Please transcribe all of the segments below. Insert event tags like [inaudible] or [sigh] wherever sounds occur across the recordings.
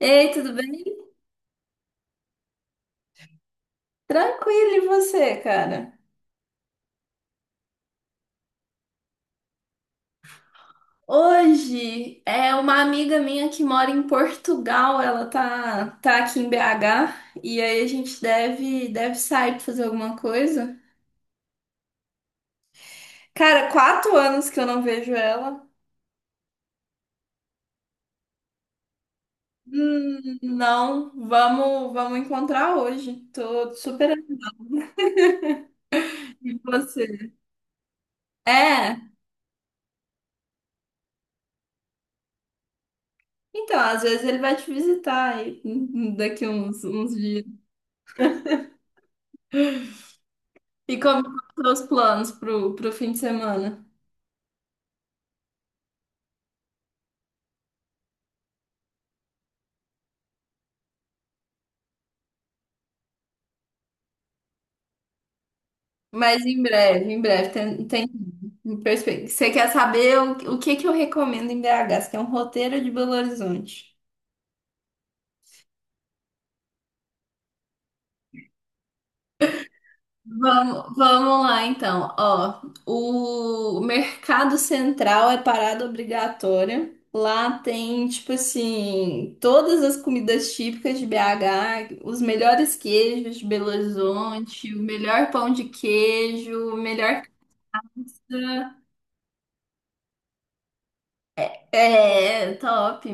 Ei, tudo bem? Tranquilo, e você, cara? Hoje é uma amiga minha que mora em Portugal, ela tá aqui em BH e aí a gente deve sair pra fazer alguma coisa. Cara, 4 anos que eu não vejo ela. Não, vamos encontrar hoje. Tô super animada com você. É, então, às vezes ele vai te visitar aí, daqui uns dias. E como estão os planos pro fim de semana? Mas em breve, tem. Você quer saber o que que eu recomendo em BH? Você tem um roteiro de Belo Horizonte. Vamos lá então. Ó, o Mercado Central é parada obrigatória. Lá tem, tipo assim, todas as comidas típicas de BH, os melhores queijos de Belo Horizonte, o melhor pão de queijo, o melhor. É, top.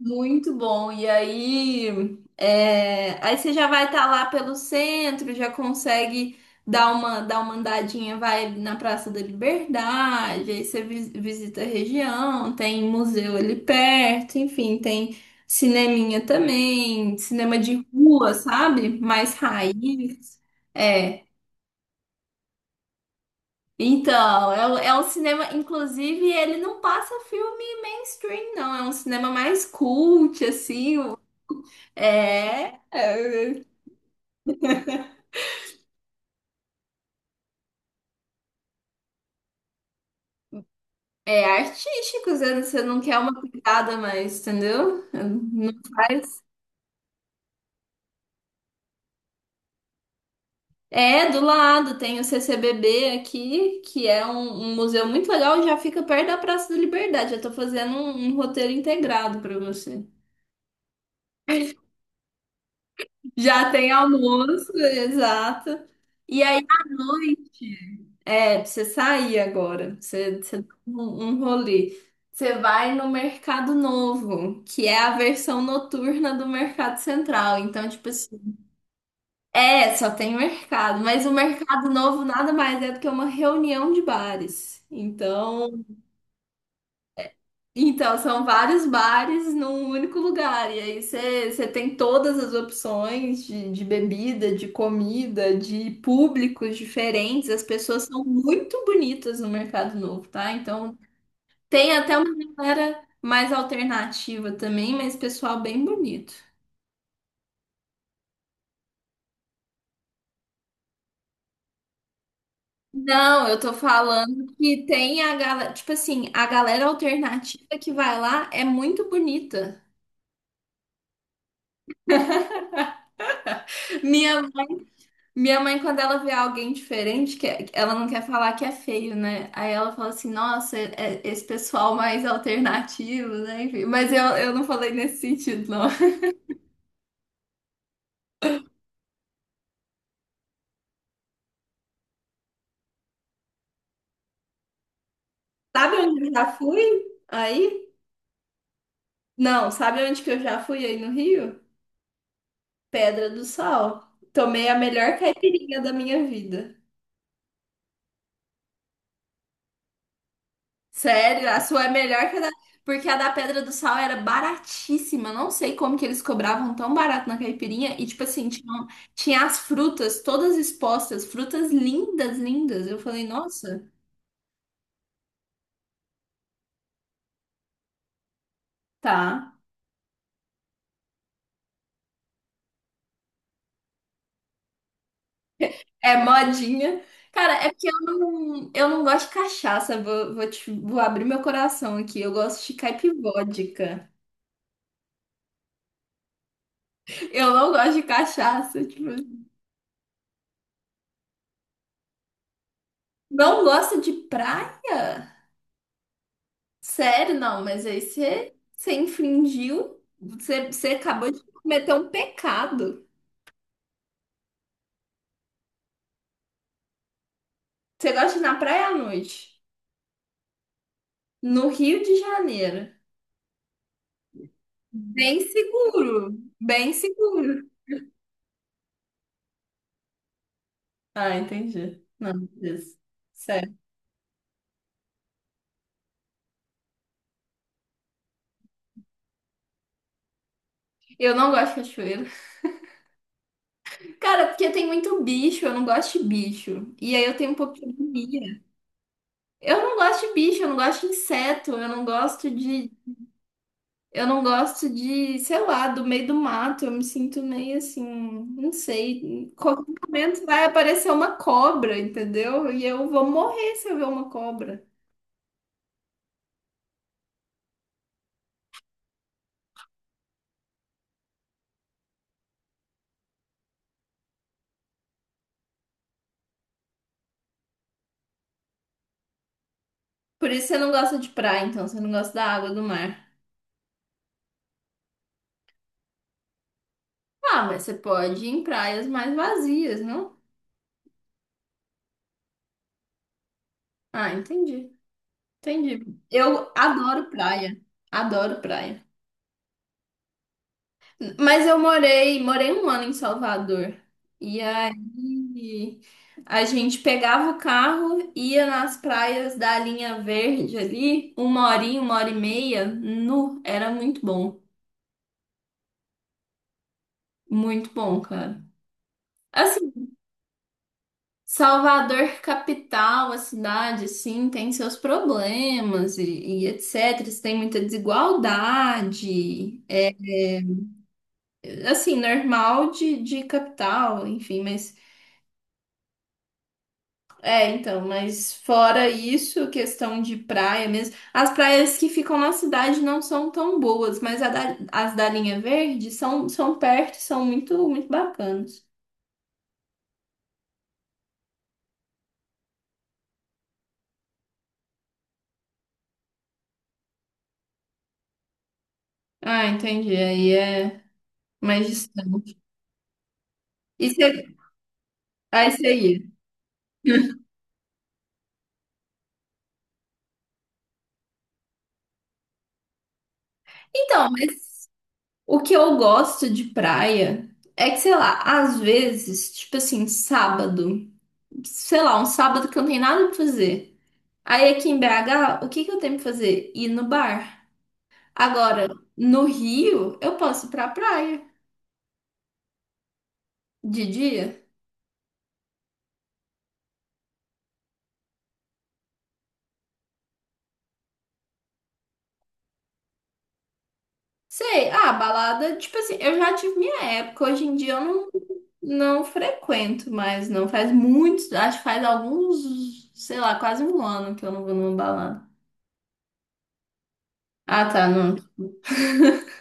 Muito bom. E aí, aí você já vai estar lá pelo centro, já consegue dar uma andadinha, vai ali na Praça da Liberdade, aí você visita a região, tem museu ali perto, enfim, tem cineminha também, cinema de rua, sabe? Mais raiz. É. Então, é um cinema, inclusive, ele não passa filme mainstream, não. É um cinema mais cult, assim. É, é, é artístico, você não quer uma pegada mais, entendeu? Não faz. É, do lado tem o CCBB aqui, que é um museu muito legal, e já fica perto da Praça da Liberdade. Eu tô fazendo um roteiro integrado para você. [laughs] Já tem almoço, exato. E aí, à noite. É, pra você sair agora. Pra você dá um rolê. Você vai no Mercado Novo, que é a versão noturna do Mercado Central. Então, tipo assim, só tem mercado. Mas o Mercado Novo nada mais é do que uma reunião de bares. Então, são vários bares num único lugar. E aí você tem todas as opções de bebida, de comida, de públicos diferentes. As pessoas são muito bonitas no Mercado Novo, tá? Então. Tem até uma galera mais alternativa também, mas pessoal bem bonito. Não, eu tô falando que tem a galera, tipo assim, a galera alternativa que vai lá é muito bonita. Minha, minha mãe, quando ela vê alguém diferente, que ela não quer falar que é feio, né? Aí ela fala assim, nossa, é esse pessoal mais alternativo, né? Enfim, mas eu não falei nesse sentido, não. [laughs] Sabe onde eu já fui? Aí? Não, sabe onde que eu já fui aí no Rio? Pedra do Sal. Tomei a melhor caipirinha da minha vida. Sério, a sua é melhor que a da. Porque a da Pedra do Sal era baratíssima. Não sei como que eles cobravam tão barato na caipirinha. E, tipo assim, tinha as frutas todas expostas. Frutas lindas, lindas. Eu falei, nossa, tá. É modinha. Cara, é porque eu não gosto de cachaça. Vou abrir meu coração aqui. Eu gosto de caipivódica. Eu não gosto de cachaça. Tipo. Não gosta de praia? Sério, não, mas aí você infringiu, você acabou de cometer um pecado. Você gosta de ir na praia à noite, no Rio de Janeiro. Bem seguro, bem seguro. Ah, entendi. Não, isso. Sério. Eu não gosto de cachoeiro. Cara, porque tem muito bicho, eu não gosto de bicho. E aí eu tenho um pouco de agonia. Eu não gosto de bicho, eu não gosto de inseto, Eu não gosto de, sei lá, do meio do mato. Eu me sinto meio assim, não sei. Em qualquer momento vai aparecer uma cobra, entendeu? E eu vou morrer se eu ver uma cobra. Por isso você não gosta de praia, então. Você não gosta da água do mar. Ah, mas você pode ir em praias mais vazias, não? Ah, entendi. Entendi. Eu adoro praia. Adoro praia. Mas eu morei um ano em Salvador. E aí a gente pegava o carro, ia nas praias da Linha Verde ali, uma horinha, uma hora e meia, era muito bom. Muito bom, cara. Assim, Salvador, capital, a cidade, sim, tem seus problemas e etc. Tem muita desigualdade, assim, normal de capital, enfim, mas. É, então, mas fora isso, questão de praia mesmo. As praias que ficam na cidade não são tão boas, mas as da linha verde são perto, e são muito, muito bacanas. Ah, entendi. Aí é mais distante. E você, aí você ia. [laughs] Então, mas o que eu gosto de praia é que, sei lá, às vezes, tipo assim, sábado, sei lá, um sábado que eu não tenho nada pra fazer. Aí aqui em BH, o que que eu tenho pra fazer? Ir no bar. Agora, no Rio, eu posso ir pra praia de dia. Sei, ah, balada, tipo assim, eu já tive minha época, hoje em dia eu não frequento mas não faz muitos, acho que faz alguns, sei lá, quase um ano que eu não vou numa balada. Ah, tá, não. [laughs]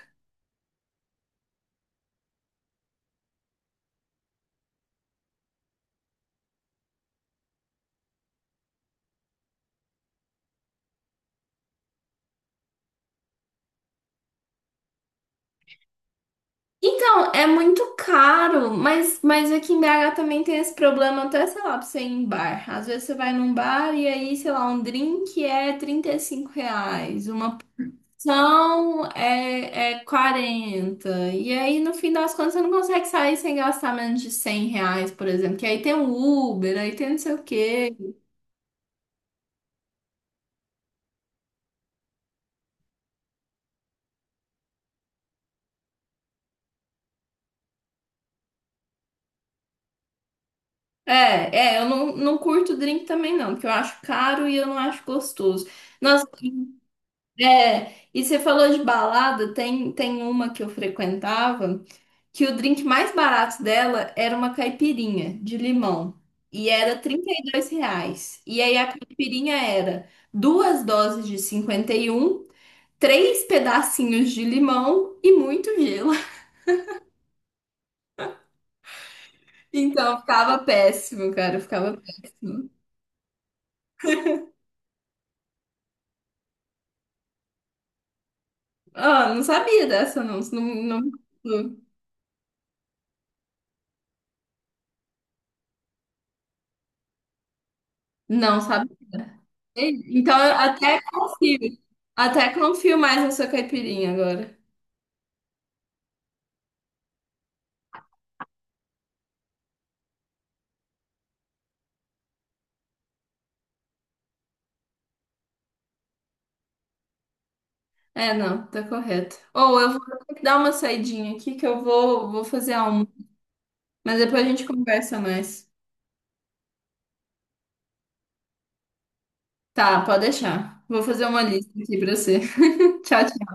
Então, é muito caro, mas aqui em BH também tem esse problema, até, sei lá, pra você ir em bar. Às vezes você vai num bar e aí, sei lá, um drink é R$ 35, uma. São é 40. E aí, no fim das contas, você não consegue sair sem gastar menos de R$ 100, por exemplo. Que aí tem o Uber, aí tem não sei o quê. É, eu não curto drink também, não, porque eu acho caro e eu não acho gostoso. Nossa, e você falou de balada, tem uma que eu frequentava. Que o drink mais barato dela era uma caipirinha de limão. E era R$ 32. E aí a caipirinha era duas doses de 51, três pedacinhos de limão e muito gelo. [laughs] Então ficava péssimo, cara. Ficava péssimo. Ah, não sabia dessa, não. Não, não, não sabia. Então eu até confio. Até confio mais na sua caipirinha agora. É, não, tá correto. Ou eu vou ter que dar uma saidinha aqui que eu vou fazer a. Mas depois a gente conversa mais. Tá, pode deixar. Vou fazer uma lista aqui pra você. [laughs] Tchau, tchau.